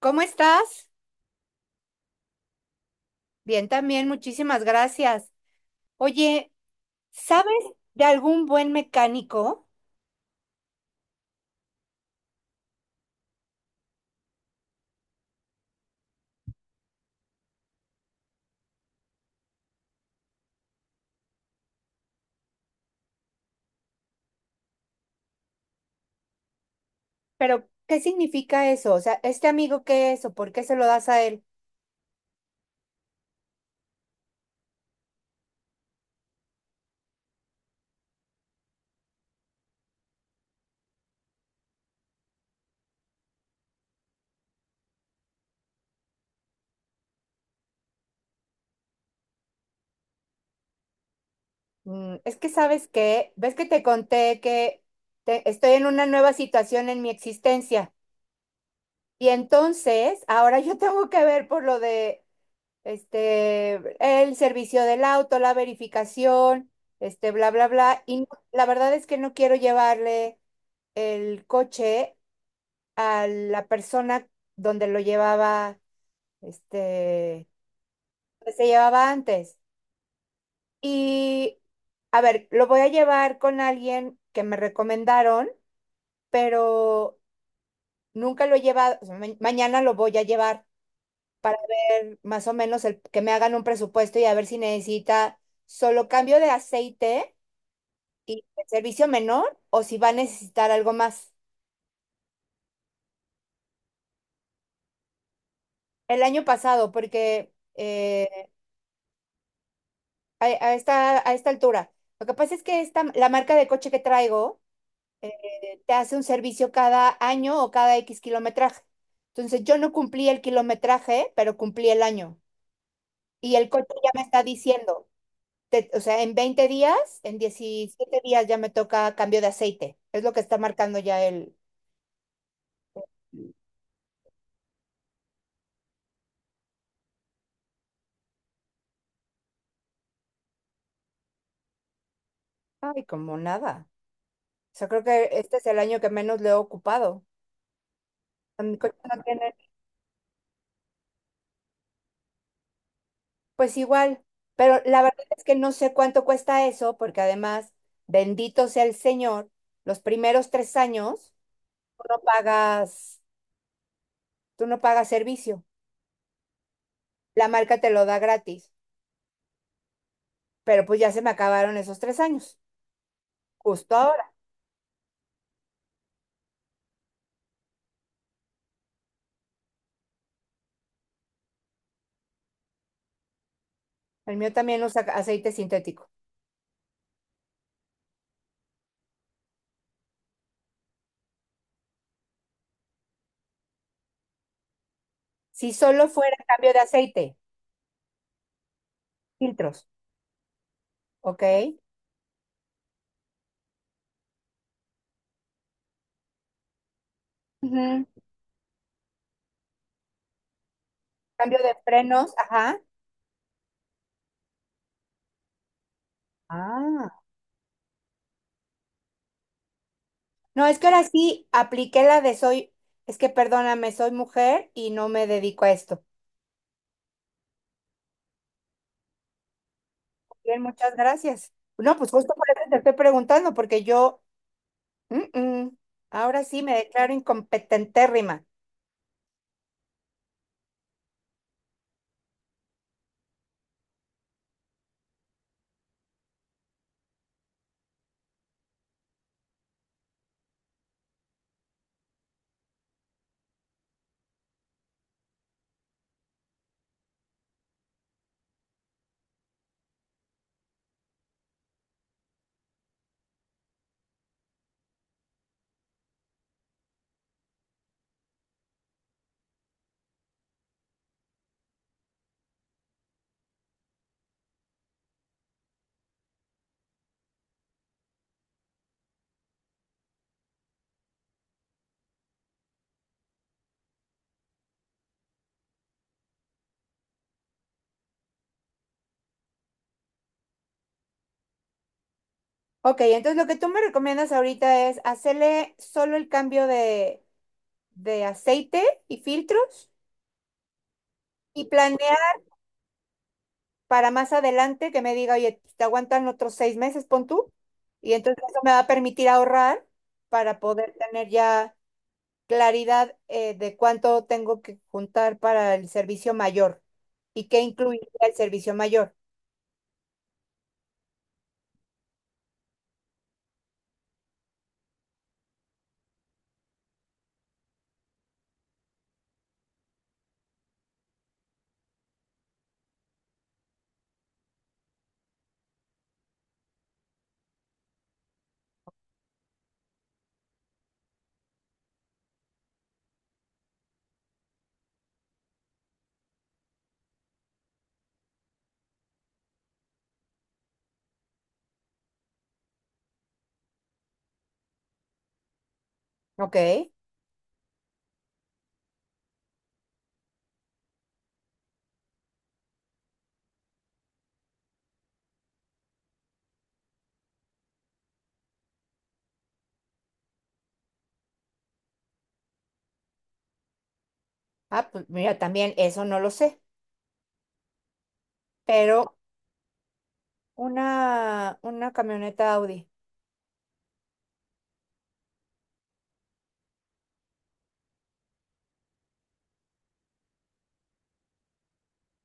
¿Cómo estás? Bien, también, muchísimas gracias. Oye, ¿sabes de algún buen mecánico? Pero, ¿qué significa eso? O sea, ¿este amigo qué es o por qué se lo das a él? Es que sabes que, ves que te conté que estoy en una nueva situación en mi existencia. Y entonces, ahora yo tengo que ver por lo de, este, el servicio del auto, la verificación, bla, bla, bla. Y la verdad es que no quiero llevarle el coche a la persona donde lo llevaba, este, que se llevaba antes. Y, a ver, lo voy a llevar con alguien que me recomendaron, pero nunca lo he llevado, o sea, mañana lo voy a llevar para ver más o menos el, que me hagan un presupuesto y a ver si necesita solo cambio de aceite y el servicio menor o si va a necesitar algo más. El año pasado, porque a esta altura. Lo que pasa es que esta, la marca de coche que traigo eh, te hace un servicio cada año o cada X kilometraje. Entonces yo no cumplí el kilometraje, pero cumplí el año. Y el coche ya me está diciendo, o sea, en 20 días, en 17 días ya me toca cambio de aceite. Es lo que está marcando ya el. Ay, como nada. O sea, creo que este es el año que menos le he ocupado. A Mi coche no tiene. Pues igual, pero la verdad es que no sé cuánto cuesta eso, porque además, bendito sea el Señor, los primeros 3 años tú no pagas, tú no pagas servicio, la marca te lo da gratis, pero pues ya se me acabaron esos 3 años, justo ahora. El mío también usa aceite sintético. Si solo fuera cambio de aceite, filtros, ¿ok? Ujú. Cambio de frenos, ajá. Ah. No, es que ahora sí apliqué la de soy, es que perdóname, soy mujer y no me dedico a esto. Bien, muchas gracias. No, pues justo por eso te estoy preguntando, porque yo, mm, mm, ahora sí me declaro incompetentérrima. Ok, entonces lo que tú me recomiendas ahorita es hacerle solo el cambio de aceite y filtros y planear para más adelante que me diga, oye, pues, te aguantan otros 6 meses, pon tú. Y entonces eso me va a permitir ahorrar para poder tener ya claridad, de cuánto tengo que juntar para el servicio mayor y qué incluiría el servicio mayor. Ok. Ah, pues mira, también eso no lo sé, pero una camioneta Audi.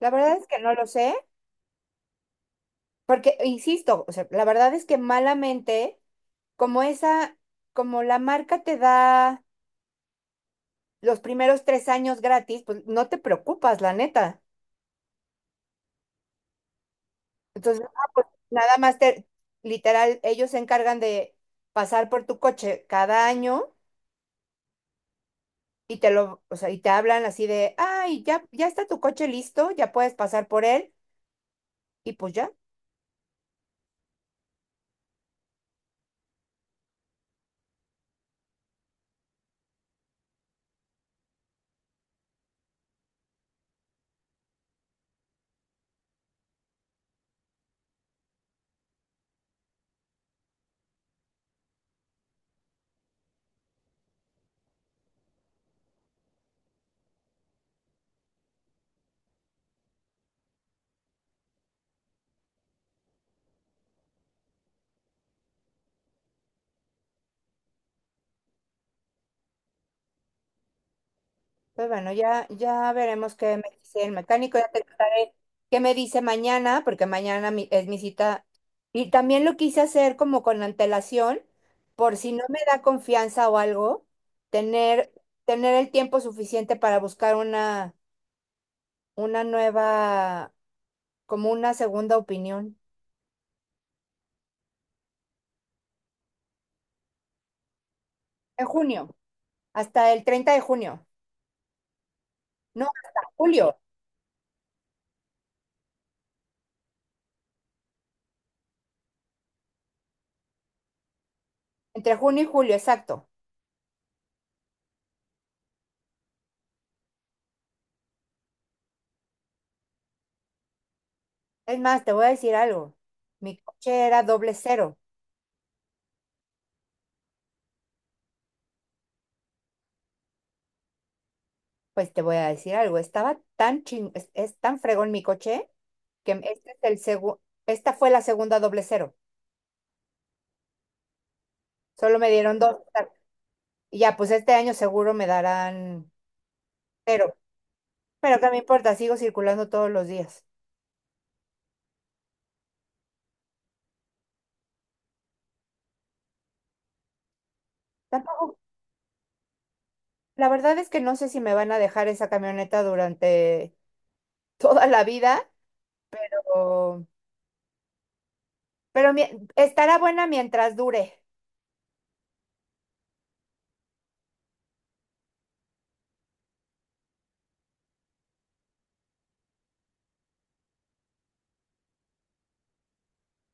La verdad es que no lo sé, porque, insisto, o sea, la verdad es que malamente, como esa, como la marca te da los primeros 3 años gratis, pues no te preocupas, la neta. Entonces, ah, pues, nada más te, literal, ellos se encargan de pasar por tu coche cada año y te lo, o sea, y te hablan así de, ay, ya, ya está tu coche listo, ya puedes pasar por él, y pues ya, pues bueno, ya, ya veremos qué me dice el mecánico, ya te contaré qué me dice mañana, porque mañana es mi cita. Y también lo quise hacer como con antelación, por si no me da confianza o algo, tener, tener el tiempo suficiente para buscar una nueva, como una segunda opinión. En junio, hasta el 30 de junio. No, hasta julio, entre junio y julio, exacto. Es más, te voy a decir algo. Mi coche era doble cero. Pues te voy a decir algo. Estaba tan ching, es tan fregón mi coche que esta fue la segunda doble cero. Solo me dieron dos. Y ya, pues este año seguro me darán cero. Pero qué me importa, sigo circulando todos los días. Tampoco. La verdad es que no sé si me van a dejar esa camioneta durante toda la vida, o- pero mi- estará buena mientras dure.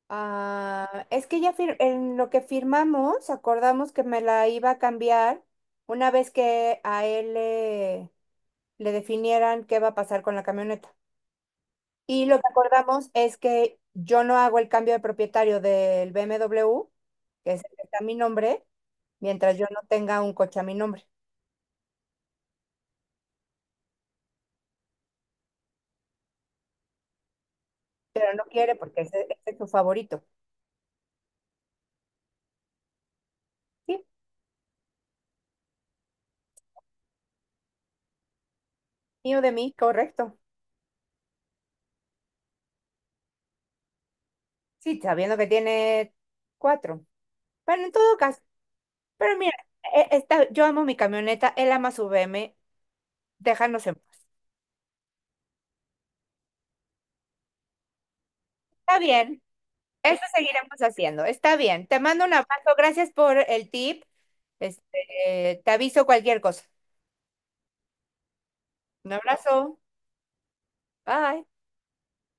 Ah, es que en lo que firmamos, acordamos que me la iba a cambiar una vez que a él le definieran qué va a pasar con la camioneta. Y lo que acordamos es que yo no hago el cambio de propietario del BMW, que es el que está a mi nombre, mientras yo no tenga un coche a mi nombre. Pero no quiere porque ese es su favorito. Sí, mío de mí, correcto. Sí, sabiendo que tiene cuatro. Bueno, en todo caso, pero mira, está, yo amo mi camioneta, él ama su BM, déjanos en paz. Está bien, eso seguiremos haciendo, está bien. Te mando un abrazo, gracias por el tip. Este, te aviso cualquier cosa. Un abrazo, bye.